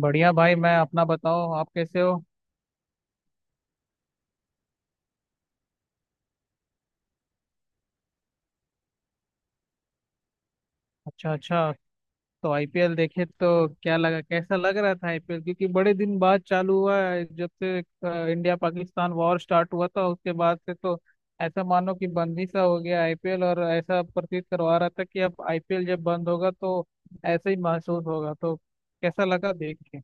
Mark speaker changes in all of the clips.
Speaker 1: बढ़िया भाई, मैं अपना बताओ, आप कैसे हो? अच्छा अच्छा। तो आईपीएल देखे तो क्या लगा, कैसा लग रहा था आईपीएल? क्योंकि बड़े दिन बाद चालू हुआ है, जब से इंडिया पाकिस्तान वॉर स्टार्ट हुआ था उसके बाद से तो ऐसा मानो कि बंद ही सा हो गया आईपीएल, और ऐसा प्रतीत करवा रहा था कि अब आईपीएल जब बंद होगा तो ऐसा ही महसूस होगा, तो कैसा लगा देख के?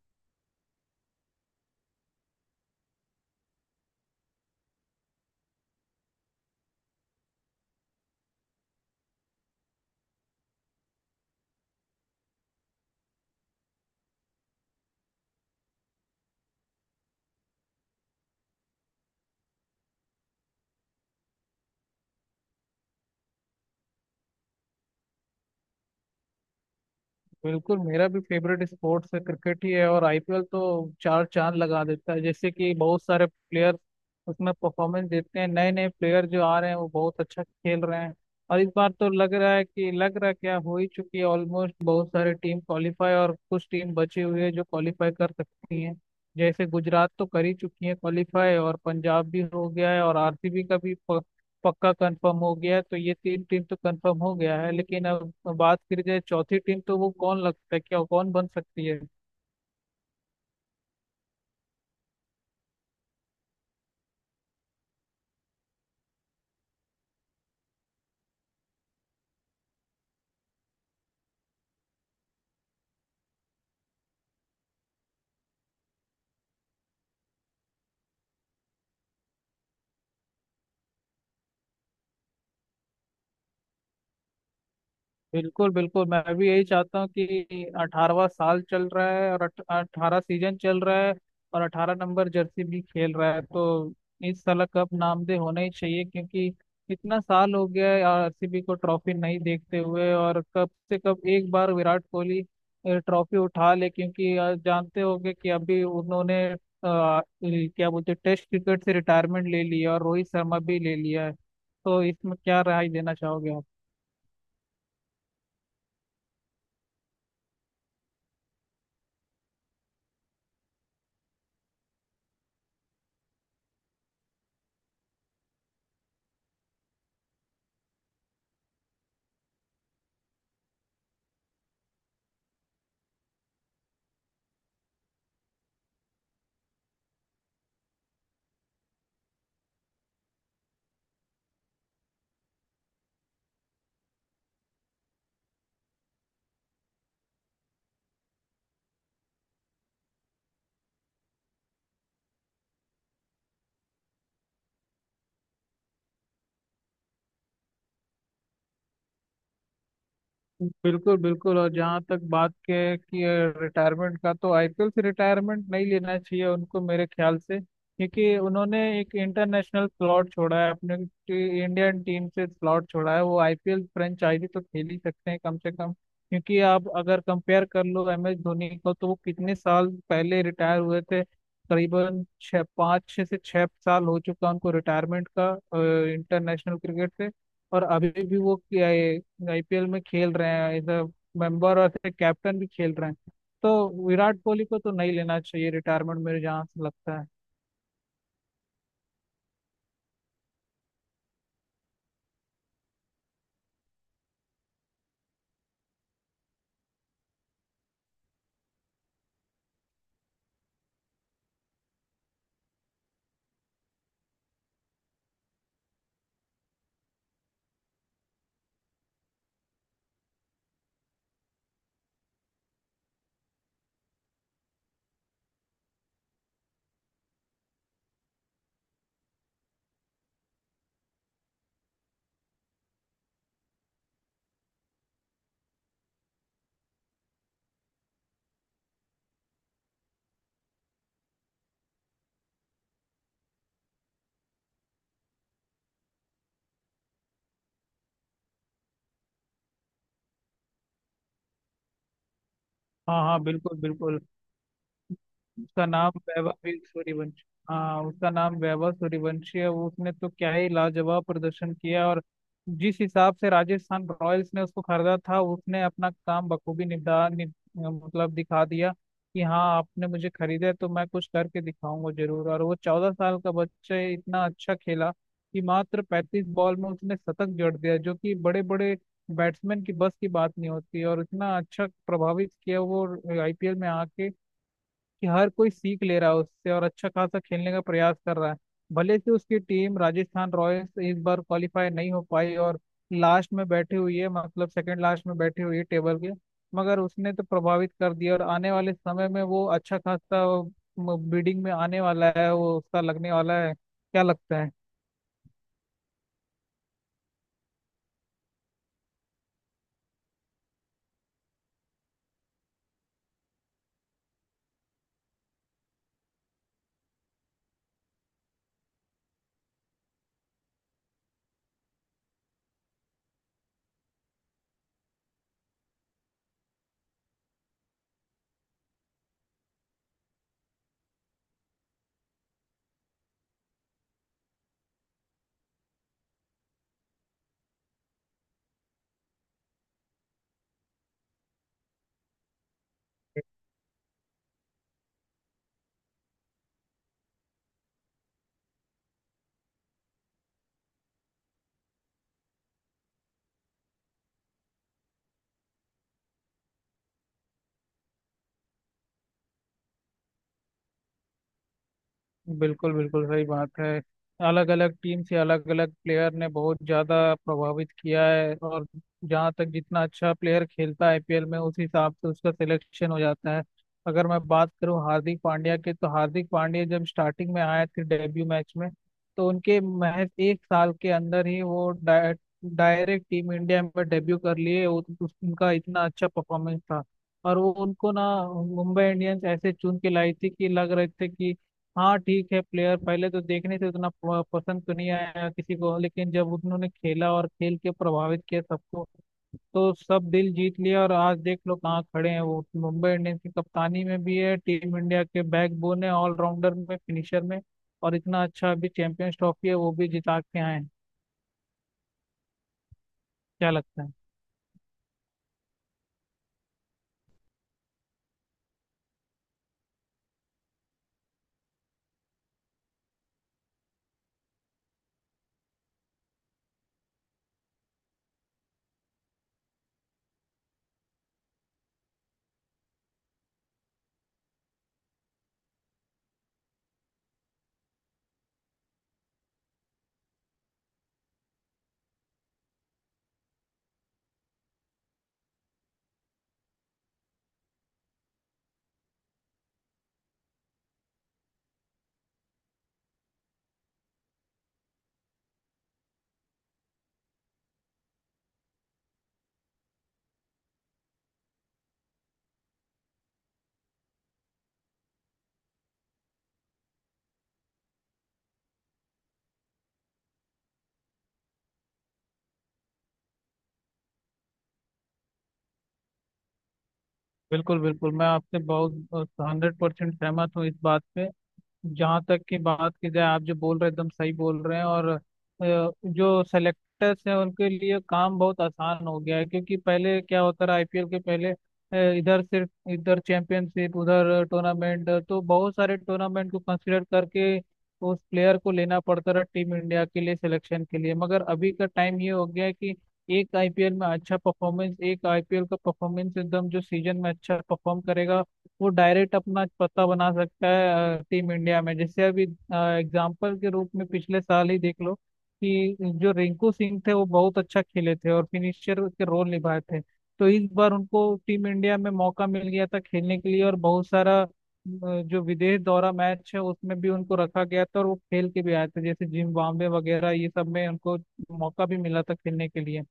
Speaker 1: बिल्कुल, मेरा भी फेवरेट स्पोर्ट्स है, क्रिकेट ही है। और आईपीएल तो चार चांद लगा देता है, जैसे कि बहुत सारे प्लेयर उसमें परफॉर्मेंस देते हैं, नए नए प्लेयर जो आ रहे हैं वो बहुत अच्छा खेल रहे हैं। और इस बार तो लग रहा है कि लग रहा है क्या, हो ही चुकी है ऑलमोस्ट, बहुत सारे टीम क्वालिफाई और कुछ टीम बची हुई है जो क्वालिफाई कर सकती हैं। जैसे गुजरात तो कर ही चुकी है क्वालिफाई, और पंजाब भी हो गया है, और आरसीबी का भी पक्का कंफर्म हो गया है, तो ये तीन टीम तो कंफर्म हो गया है। लेकिन अब बात करी जाए चौथी टीम, तो वो कौन लगता है, क्या कौन बन सकती है? बिल्कुल बिल्कुल, मैं भी यही चाहता हूँ कि 18वां साल चल रहा है और 18 सीजन चल रहा है और 18 नंबर जर्सी भी खेल रहा है, तो इस साल कप नामदे होना ही चाहिए। क्योंकि इतना साल हो गया है आरसीबी को ट्रॉफी नहीं देखते हुए, और कब से कब एक बार विराट कोहली ट्रॉफी उठा ले। क्योंकि जानते होंगे कि अभी उन्होंने क्या बोलते हैं, टेस्ट क्रिकेट से रिटायरमेंट ले लिया और रोहित शर्मा भी ले लिया है। तो इसमें क्या राय देना चाहोगे आप? बिल्कुल बिल्कुल। और जहाँ तक बात के कि रिटायरमेंट का, तो आईपीएल से रिटायरमेंट नहीं लेना चाहिए उनको मेरे ख्याल से। क्योंकि उन्होंने एक इंटरनेशनल स्लॉट छोड़ा है, अपने इंडियन टीम से स्लॉट छोड़ा है, वो आईपीएल फ्रेंचाइजी तो खेल ही सकते हैं कम से कम। क्योंकि आप अगर कंपेयर कर लो एम एस धोनी को, तो वो कितने साल पहले रिटायर हुए थे? करीबन छः, पाँच छः से छः साल हो चुका उनको रिटायरमेंट का इंटरनेशनल क्रिकेट से। और अभी भी वो आईपीएल में खेल रहे हैं एज अ मेंबर, और एज अ कैप्टन भी खेल रहे हैं। तो विराट कोहली को तो नहीं लेना चाहिए रिटायरमेंट मेरे जहाँ से लगता है। हाँ हाँ, बिल्कुल बिल्कुल। उसका नाम वैभव सूर्यवंशी। हाँ, उसका नाम वैभव सूर्यवंशी है। वो, उसने तो क्या ही लाजवाब प्रदर्शन किया। और जिस हिसाब से राजस्थान रॉयल्स ने उसको खरीदा था, उसने अपना काम बखूबी मतलब दिखा दिया कि हाँ आपने मुझे खरीदा है, तो मैं कुछ करके दिखाऊंगा जरूर। और वो 14 साल का बच्चा ही इतना अच्छा खेला कि मात्र 35 बॉल में उसने शतक जड़ दिया, जो कि बड़े बड़े बैट्समैन की बस की बात नहीं होती। और इतना अच्छा प्रभावित किया वो आईपीएल में आके कि हर कोई सीख ले रहा है उससे, और अच्छा खासा खेलने का प्रयास कर रहा है। भले से उसकी टीम राजस्थान रॉयल्स इस बार क्वालिफाई नहीं हो पाई और लास्ट में बैठी हुई है, मतलब सेकंड लास्ट में बैठी हुई है टेबल के। मगर उसने तो प्रभावित कर दिया, और आने वाले समय में वो अच्छा खासा बिडिंग में आने वाला है। वो उसका लगने वाला है, क्या लगता है? बिल्कुल बिल्कुल, सही बात है। अलग अलग टीम से अलग अलग प्लेयर ने बहुत ज़्यादा प्रभावित किया है। और जहाँ तक, जितना अच्छा प्लेयर खेलता है आईपीएल में उस हिसाब से उसका सिलेक्शन हो जाता है। अगर मैं बात करूँ हार्दिक पांड्या के, तो हार्दिक पांड्या जब स्टार्टिंग में आए थे डेब्यू मैच में, तो उनके महज एक साल के अंदर ही वो डायरेक्ट टीम इंडिया में डेब्यू कर लिए। उनका इतना अच्छा परफॉर्मेंस था। और वो उनको ना, मुंबई इंडियंस ऐसे चुन के लाई थी कि लग रहे थे कि हाँ ठीक है प्लेयर, पहले तो देखने से उतना पसंद तो नहीं आया किसी को, लेकिन जब उन्होंने खेला और खेल के प्रभावित किया सबको, तो सब दिल जीत लिया। और आज देख लो कहाँ खड़े हैं वो, मुंबई इंडियंस की कप्तानी में भी है, टीम इंडिया के बैकबोन है, ऑलराउंडर में, फिनिशर में। और इतना अच्छा अभी चैंपियंस ट्रॉफी है, वो भी जिता के आए हैं। क्या लगता है? बिल्कुल बिल्कुल, मैं आपसे बहुत हंड्रेड परसेंट सहमत हूँ इस बात पे। जहाँ तक की बात की जाए, आप जो बोल रहे हैं एकदम सही बोल रहे हैं। और जो सेलेक्टर्स हैं उनके लिए काम बहुत आसान हो गया है। क्योंकि पहले क्या होता रहा आईपीएल के पहले, इधर सिर्फ इधर चैंपियनशिप उधर टूर्नामेंट, तो बहुत सारे टूर्नामेंट को कंसिडर करके उस प्लेयर को लेना पड़ता रहा टीम इंडिया के लिए सिलेक्शन के लिए। मगर अभी का टाइम ये हो गया है कि एक आईपीएल में अच्छा परफॉर्मेंस, एक आईपीएल का परफॉर्मेंस, एकदम जो सीजन में अच्छा परफॉर्म करेगा, वो डायरेक्ट अपना पता बना सकता है टीम इंडिया में। जैसे अभी एग्जाम्पल के रूप में पिछले साल ही देख लो कि जो रिंकू सिंह थे, वो बहुत अच्छा खेले थे और फिनिशर के रोल निभाए थे। तो इस बार उनको टीम इंडिया में मौका मिल गया था खेलने के लिए, और बहुत सारा जो विदेश दौरा मैच है उसमें भी उनको रखा गया था, और वो खेल के भी आए थे, जैसे जिम्बाब्वे वगैरह, ये सब में उनको मौका भी मिला था खेलने के लिए।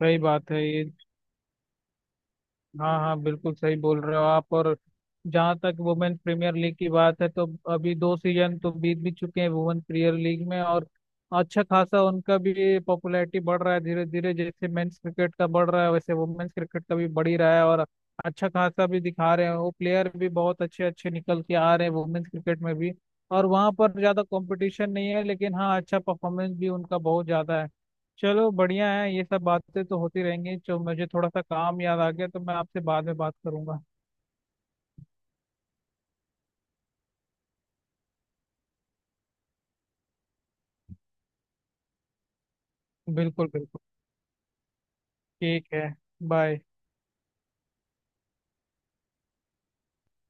Speaker 1: सही बात है ये। हाँ हाँ, बिल्कुल सही बोल रहे हो आप। और जहाँ तक वुमेन प्रीमियर लीग की बात है, तो अभी 2 सीजन तो बीत भी चुके हैं वुमेन प्रीमियर लीग में। और अच्छा खासा उनका भी पॉपुलैरिटी बढ़ रहा है धीरे धीरे, जैसे मेंस क्रिकेट का बढ़ रहा है वैसे वुमेन्स क्रिकेट का भी बढ़ ही रहा है। और अच्छा खासा भी दिखा रहे हैं, वो प्लेयर भी बहुत अच्छे अच्छे निकल के आ रहे हैं वुमेन्स क्रिकेट में भी। और वहाँ पर ज़्यादा कंपटीशन नहीं है, लेकिन हाँ अच्छा परफॉर्मेंस भी उनका बहुत ज़्यादा है। चलो बढ़िया है, ये सब बातें तो होती रहेंगी। जो मुझे थोड़ा सा काम याद आ गया, तो मैं आपसे बाद में बात करूंगा। बिल्कुल बिल्कुल, ठीक है। बाय।